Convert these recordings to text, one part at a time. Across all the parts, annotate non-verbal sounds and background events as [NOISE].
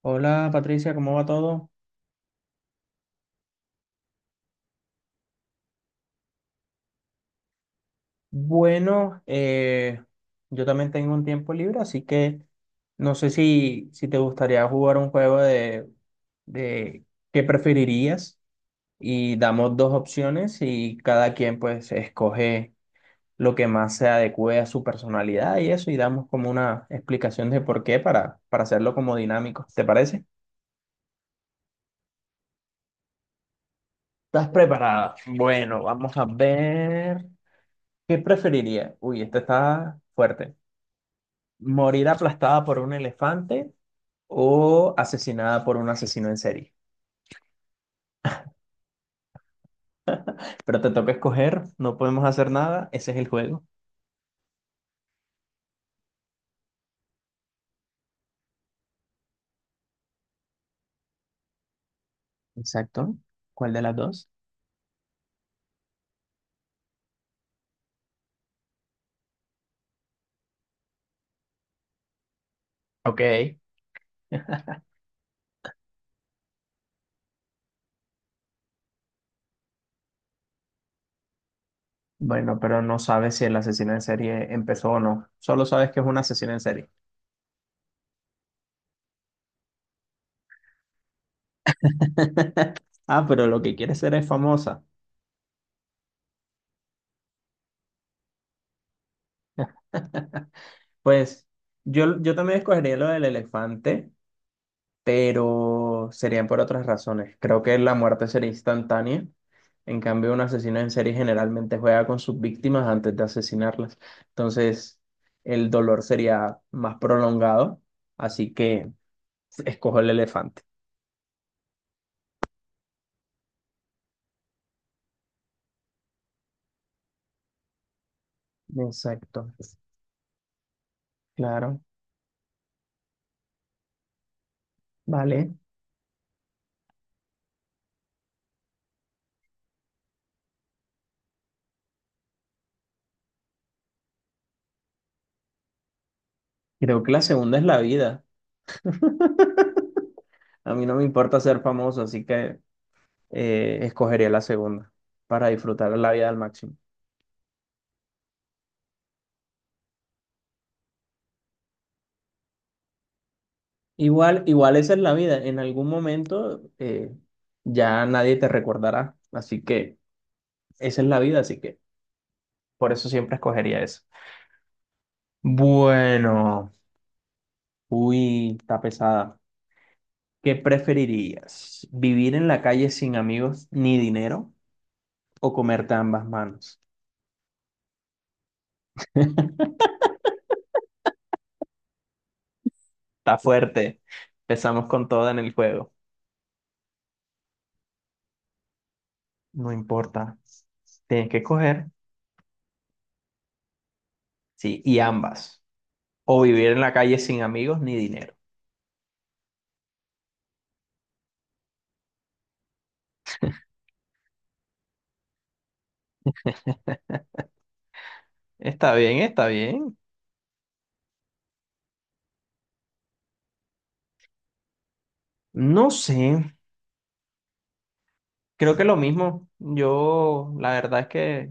Hola Patricia, ¿cómo va todo? Bueno, yo también tengo un tiempo libre, así que no sé si te gustaría jugar un juego de qué preferirías, y damos dos opciones y cada quien pues escoge lo que más se adecue a su personalidad y eso, y damos como una explicación de por qué, para hacerlo como dinámico. ¿Te parece? ¿Estás preparada? Bueno, vamos a ver. ¿Qué preferiría? Uy, este está fuerte. Morir aplastada por un elefante o asesinada por un asesino en serie. Pero te toca escoger, no podemos hacer nada, ese es el juego. Exacto. ¿Cuál de las dos? Ok. Bueno, pero no sabes si el asesino en serie empezó o no. Solo sabes que es un asesino en serie. Ah, pero lo que quiere ser es famosa. Pues yo también escogería lo del elefante, pero serían por otras razones. Creo que la muerte sería instantánea. En cambio, un asesino en serie generalmente juega con sus víctimas antes de asesinarlas. Entonces, el dolor sería más prolongado. Así que escojo el elefante. Exacto. Claro. Vale. Creo que la segunda es la vida. A mí no me importa ser famoso, así que escogería la segunda para disfrutar la vida al máximo. Igual, igual esa es la vida. En algún momento ya nadie te recordará. Así que esa es la vida, así que por eso siempre escogería eso. Bueno, uy, está pesada. ¿Qué preferirías? ¿Vivir en la calle sin amigos ni dinero o comerte ambas manos? [LAUGHS] Está fuerte. Empezamos con toda en el juego. No importa. Tienes que escoger. Sí, y ambas. O vivir en la calle sin amigos ni dinero. Está bien, está bien. No sé, creo que lo mismo. Yo la verdad es que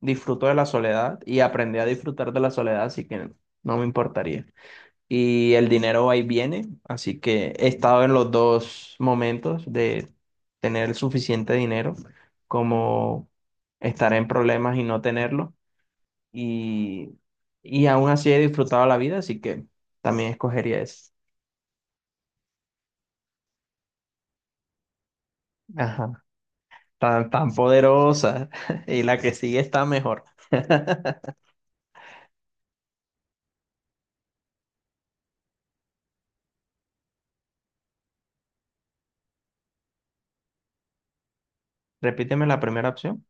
disfruto de la soledad y aprendí a disfrutar de la soledad, así que no me importaría. Y el dinero va y viene, así que he estado en los dos momentos de tener el suficiente dinero como estar en problemas y no tenerlo. Y, y aún así he disfrutado la vida, así que también escogería eso. Ajá, tan poderosa [LAUGHS] y la que sigue está mejor. [LAUGHS] Repíteme la primera opción.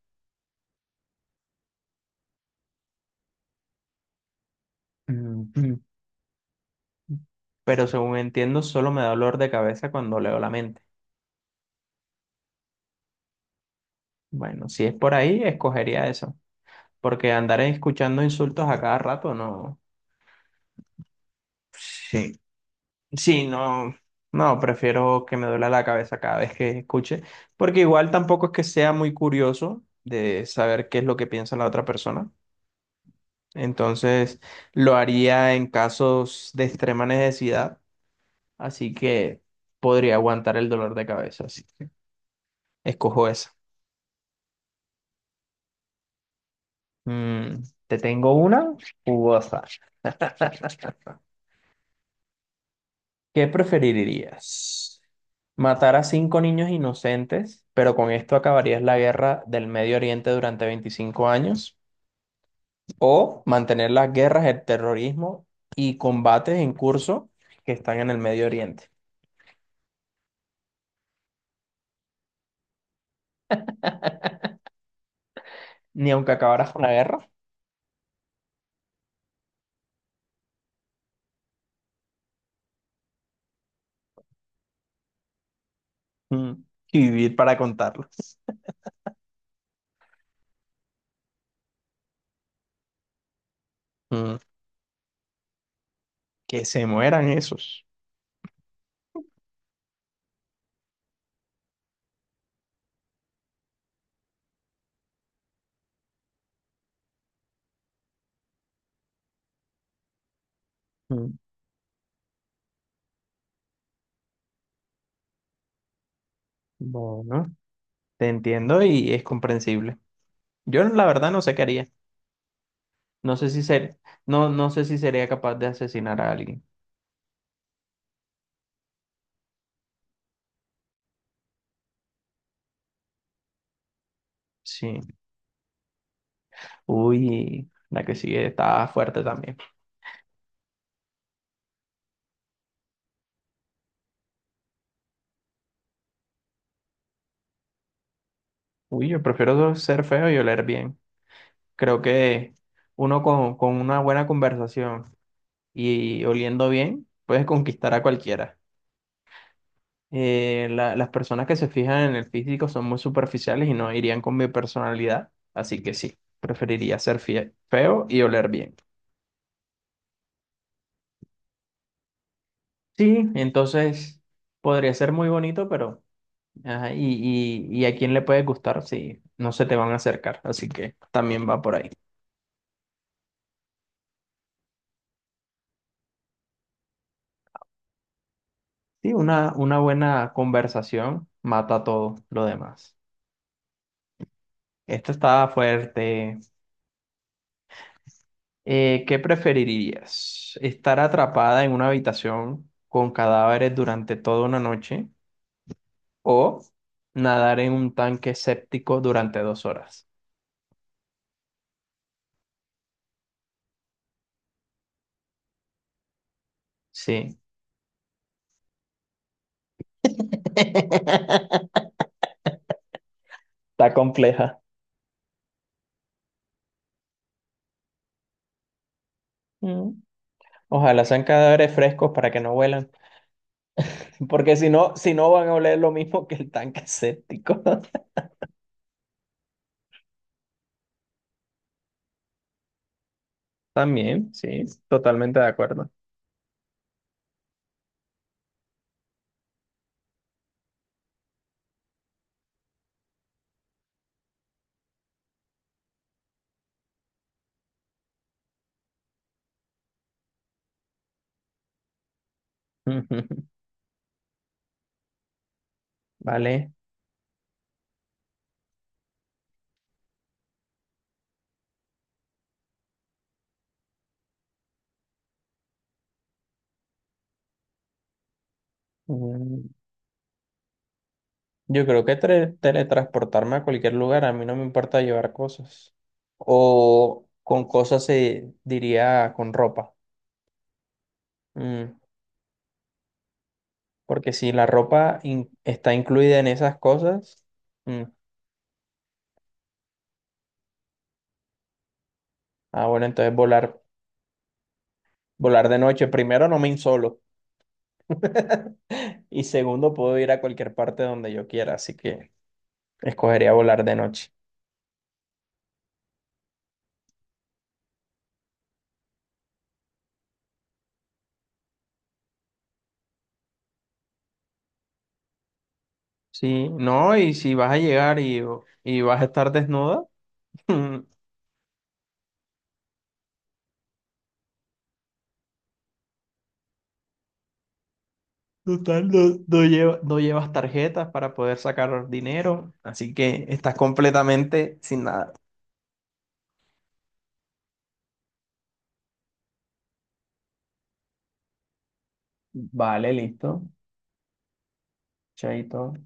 Ujú. Pero según entiendo, solo me da dolor de cabeza cuando leo la mente. Bueno, si es por ahí, escogería eso. Porque andar escuchando insultos a cada rato, no. Sí. Sí, no. No, prefiero que me duela la cabeza cada vez que escuche. Porque igual tampoco es que sea muy curioso de saber qué es lo que piensa la otra persona. Entonces, lo haría en casos de extrema necesidad. Así que podría aguantar el dolor de cabeza. Sí. Escojo esa. Mm, te tengo una jugosa. [LAUGHS] ¿Qué preferirías? ¿Matar a 5 niños inocentes, pero con esto acabarías la guerra del Medio Oriente durante 25 años? ¿O mantener las guerras, el terrorismo y combates en curso que están en el Medio Oriente? Ni aunque acabaras con la guerra, mm, y vivir para contarlo. Mm, que se mueran esos. Mm, bueno, te entiendo y es comprensible. Yo la verdad no sé qué haría. No sé si ser, no, no sé si sería capaz de asesinar a alguien. Sí. Uy, la que sigue está fuerte también. Uy, yo prefiero ser feo y oler bien. Creo que uno con una buena conversación y oliendo bien puedes conquistar a cualquiera. Las personas que se fijan en el físico son muy superficiales y no irían con mi personalidad. Así que sí, preferiría ser feo y oler bien. Sí, entonces podría ser muy bonito, pero... Ajá, y a quién le puede gustar si no se te van a acercar, así que también va por ahí. Sí, una buena conversación mata todo lo demás. Esta está fuerte. ¿Qué preferirías? ¿Estar atrapada en una habitación con cadáveres durante toda una noche o nadar en un tanque séptico durante 2 horas? Sí. [LAUGHS] Está compleja. Mm. Ojalá sean cadáveres frescos para que no huelan. Porque si no, si no van a oler lo mismo que el tanque séptico. [LAUGHS] También, sí, totalmente de acuerdo. [LAUGHS] Vale. Mm, yo creo que teletransportarme a cualquier lugar, a mí no me importa llevar cosas. O con cosas se diría con ropa. Mm, porque si la ropa está incluida en esas cosas, mm, ah, bueno, entonces volar, volar de noche. Primero, no me insolo. [LAUGHS] Y segundo, puedo ir a cualquier parte donde yo quiera, así que. Escogería volar de noche. Sí, no, y si vas a llegar y vas a estar desnuda, [LAUGHS] total, no, no llevas tarjetas para poder sacar dinero, así que estás completamente sin nada. Vale, listo. Chaito.